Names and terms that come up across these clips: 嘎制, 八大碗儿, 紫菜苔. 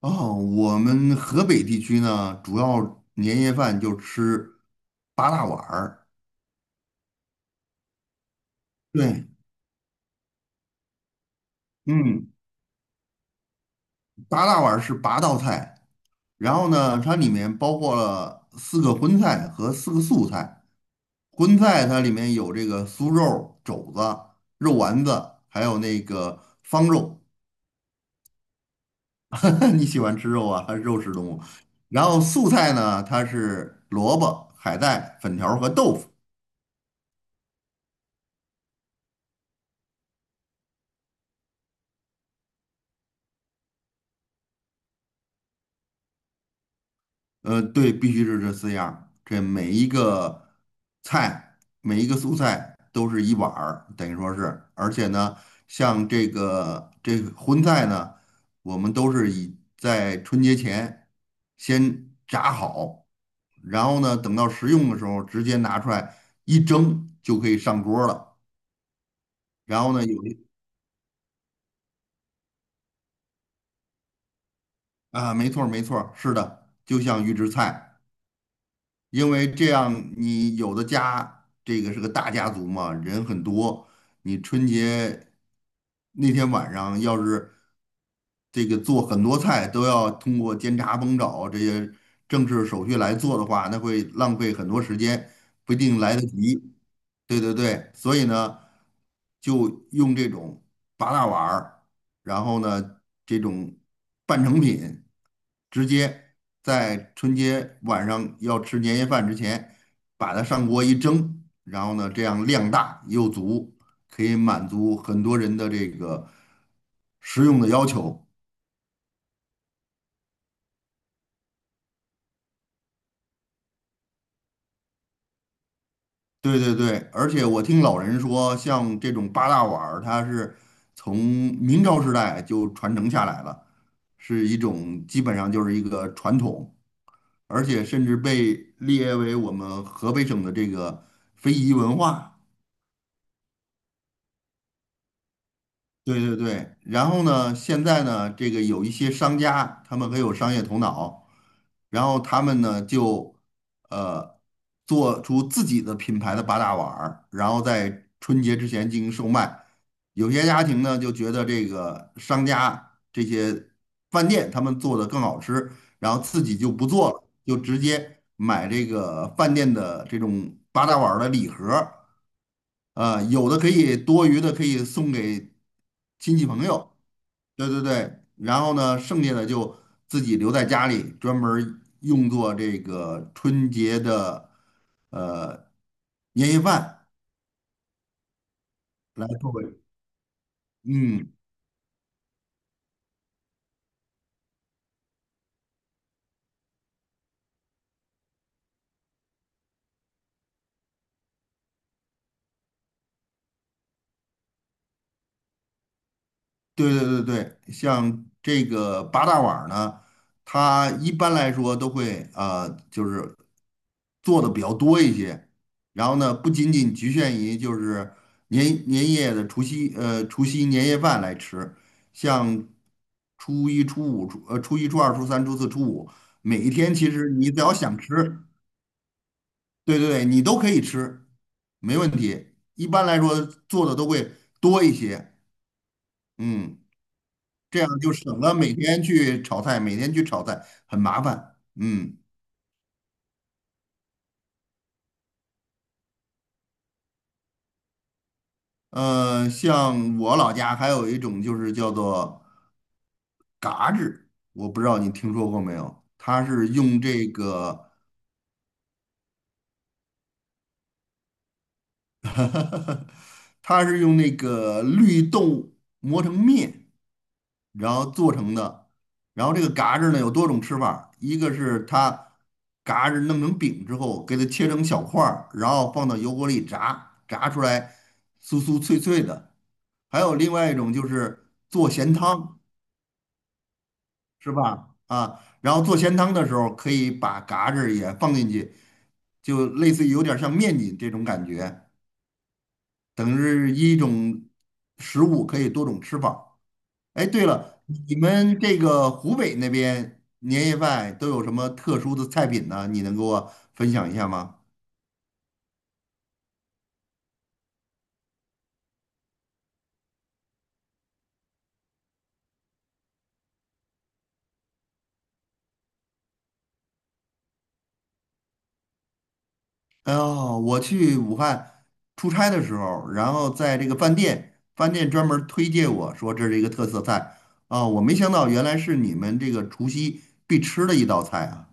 哦，我们河北地区呢，主要年夜饭就吃八大碗儿。对，嗯，八大碗儿是八道菜，然后呢，它里面包括了四个荤菜和四个素菜。荤菜它里面有这个酥肉、肘子、肉丸子，还有那个方肉。你喜欢吃肉啊？还是肉食动物？然后素菜呢，它是萝卜、海带、粉条儿和豆腐。对，必须是这四样儿这每一个菜，每一个素菜都是一碗儿，等于说是。而且呢，像这个荤菜呢，我们都是以在春节前先炸好，然后呢，等到食用的时候直接拿出来一蒸就可以上桌儿了。然后呢，啊，没错儿,是的，就像预制菜。因为这样，你有的家这个是个大家族嘛，人很多，你春节那天晚上要是这个做很多菜都要通过煎炸烹炒这些正式手续来做的话，那会浪费很多时间，不一定来得及。对对对，所以呢，就用这种八大碗儿，然后呢，这种半成品，直接在春节晚上要吃年夜饭之前，把它上锅一蒸，然后呢，这样量大又足，可以满足很多人的这个食用的要求。对对对，而且我听老人说，像这种八大碗儿，它是从明朝时代就传承下来了，是一种基本上就是一个传统，而且甚至被列为我们河北省的这个非遗文化。对对对，然后呢，现在呢，这个有一些商家，他们很有商业头脑，然后他们呢就呃做出自己的品牌的八大碗儿，然后在春节之前进行售卖。有些家庭呢就觉得这个商家这些饭店他们做的更好吃，然后自己就不做了，就直接买这个饭店的这种八大碗儿的礼盒儿。有的可以多余的可以送给亲戚朋友，对对对，然后呢，剩下的就自己留在家里，专门儿用作这个春节的呃年夜饭来作为，嗯，对对对对，像这个八大碗儿呢，它一般来说都会就是做的比较多一些。然后呢，不仅仅局限于就是年年夜的除夕呃除夕年夜饭来吃，像初一、初二、初三、初四、初五，每一天其实你只要想吃，对对对，你都可以吃，没问题。一般来说做的都会多一些，嗯。这样就省了每天去炒菜，每天去炒菜很麻烦。嗯，像我老家还有一种就是叫做嘎制，我不知道你听说过没有？它是用这个 它是用那个绿豆磨成面，然后做成的。然后这个嘎子呢有多种吃法，一个是它嘎子弄成饼之后，给它切成小块儿，然后放到油锅里炸，炸出来酥酥脆脆的。还有另外一种就是做咸汤，是吧？啊，然后做咸汤的时候可以把嘎子也放进去，就类似于有点像面筋这种感觉，等于是一种食物可以多种吃法。哎，对了，你们这个湖北那边年夜饭都有什么特殊的菜品呢？你能给我分享一下吗？哦，我去武汉出差的时候，然后在这个饭店，饭店专门推荐我说这是一个特色菜啊，我没想到原来是你们这个除夕必吃的一道菜啊。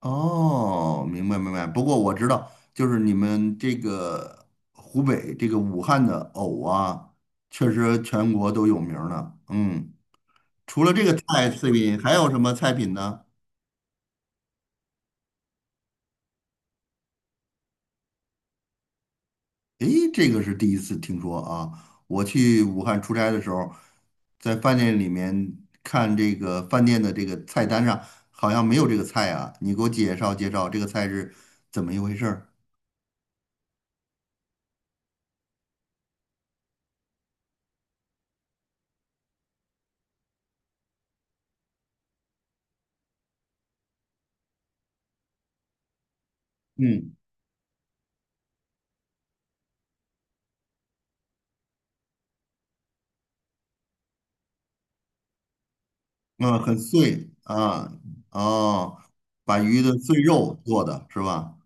哦，明白明白。不过我知道，就是你们这个湖北这个武汉的藕啊，确实全国都有名儿呢。嗯。除了这个菜品，还有什么菜品呢？诶，这个是第一次听说啊！我去武汉出差的时候，在饭店里面看这个饭店的这个菜单上，好像没有这个菜啊。你给我介绍介绍这个菜是怎么一回事儿？嗯嗯，很碎啊，哦，把鱼的碎肉做的是吧？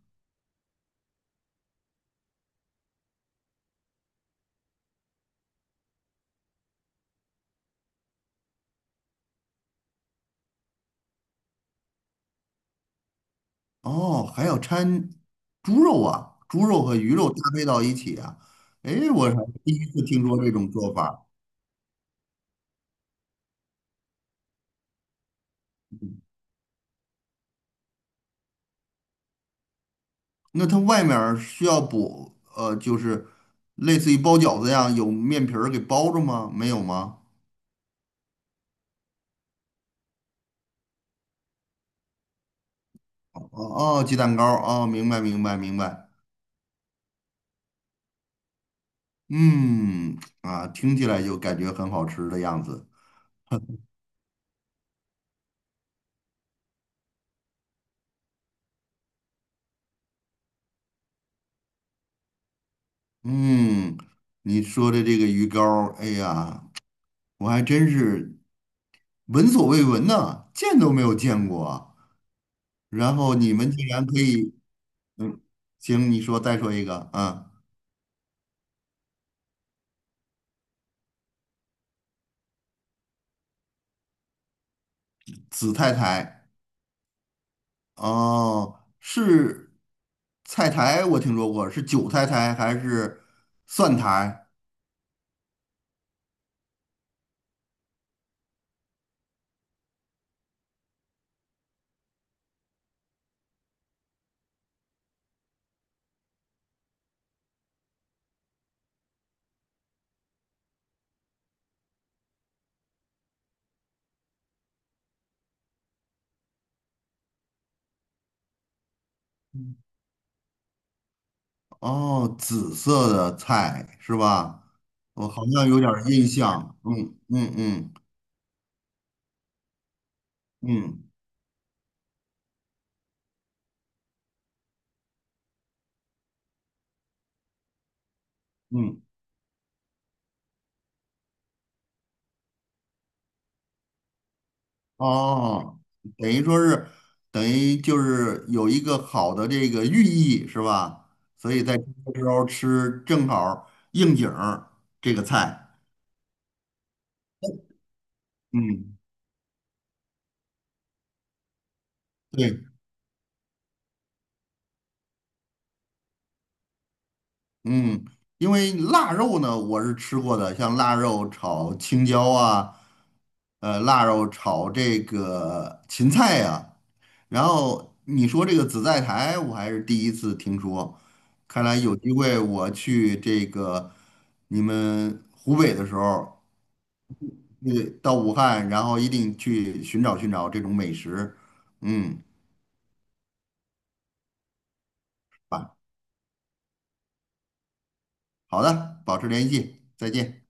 哦，还要掺猪肉啊，猪肉和鱼肉搭配到一起啊。诶，我还第一次听说这种做法。那它外面儿需要补，就是类似于包饺子一样，有面皮儿给包着吗？没有吗？哦哦，鸡蛋糕儿，哦，明白明白明白。嗯，啊，听起来就感觉很好吃的样子。嗯，你说的这个鱼糕儿，哎呀，我还真是闻所未闻呢，见都没有见过啊然后你们竟然可以，嗯，行，你说再说一个，嗯，紫菜苔。哦，是菜苔，我听说过，是韭菜苔还是蒜苔？哦，紫色的菜是吧？我好像有点儿印象。嗯嗯嗯嗯嗯。哦，等于说是，等于就是有一个好的这个寓意是吧？所以在这个时候吃正好儿应景儿这个菜。嗯，对。嗯，因为腊肉呢，我是吃过的，像腊肉炒青椒啊，腊肉炒这个芹菜呀、然后你说这个紫菜苔，我还是第一次听说，看来有机会我去这个你们湖北的时候，对，到武汉，然后一定去寻找寻找这种美食。嗯，好好的，保持联系，再见。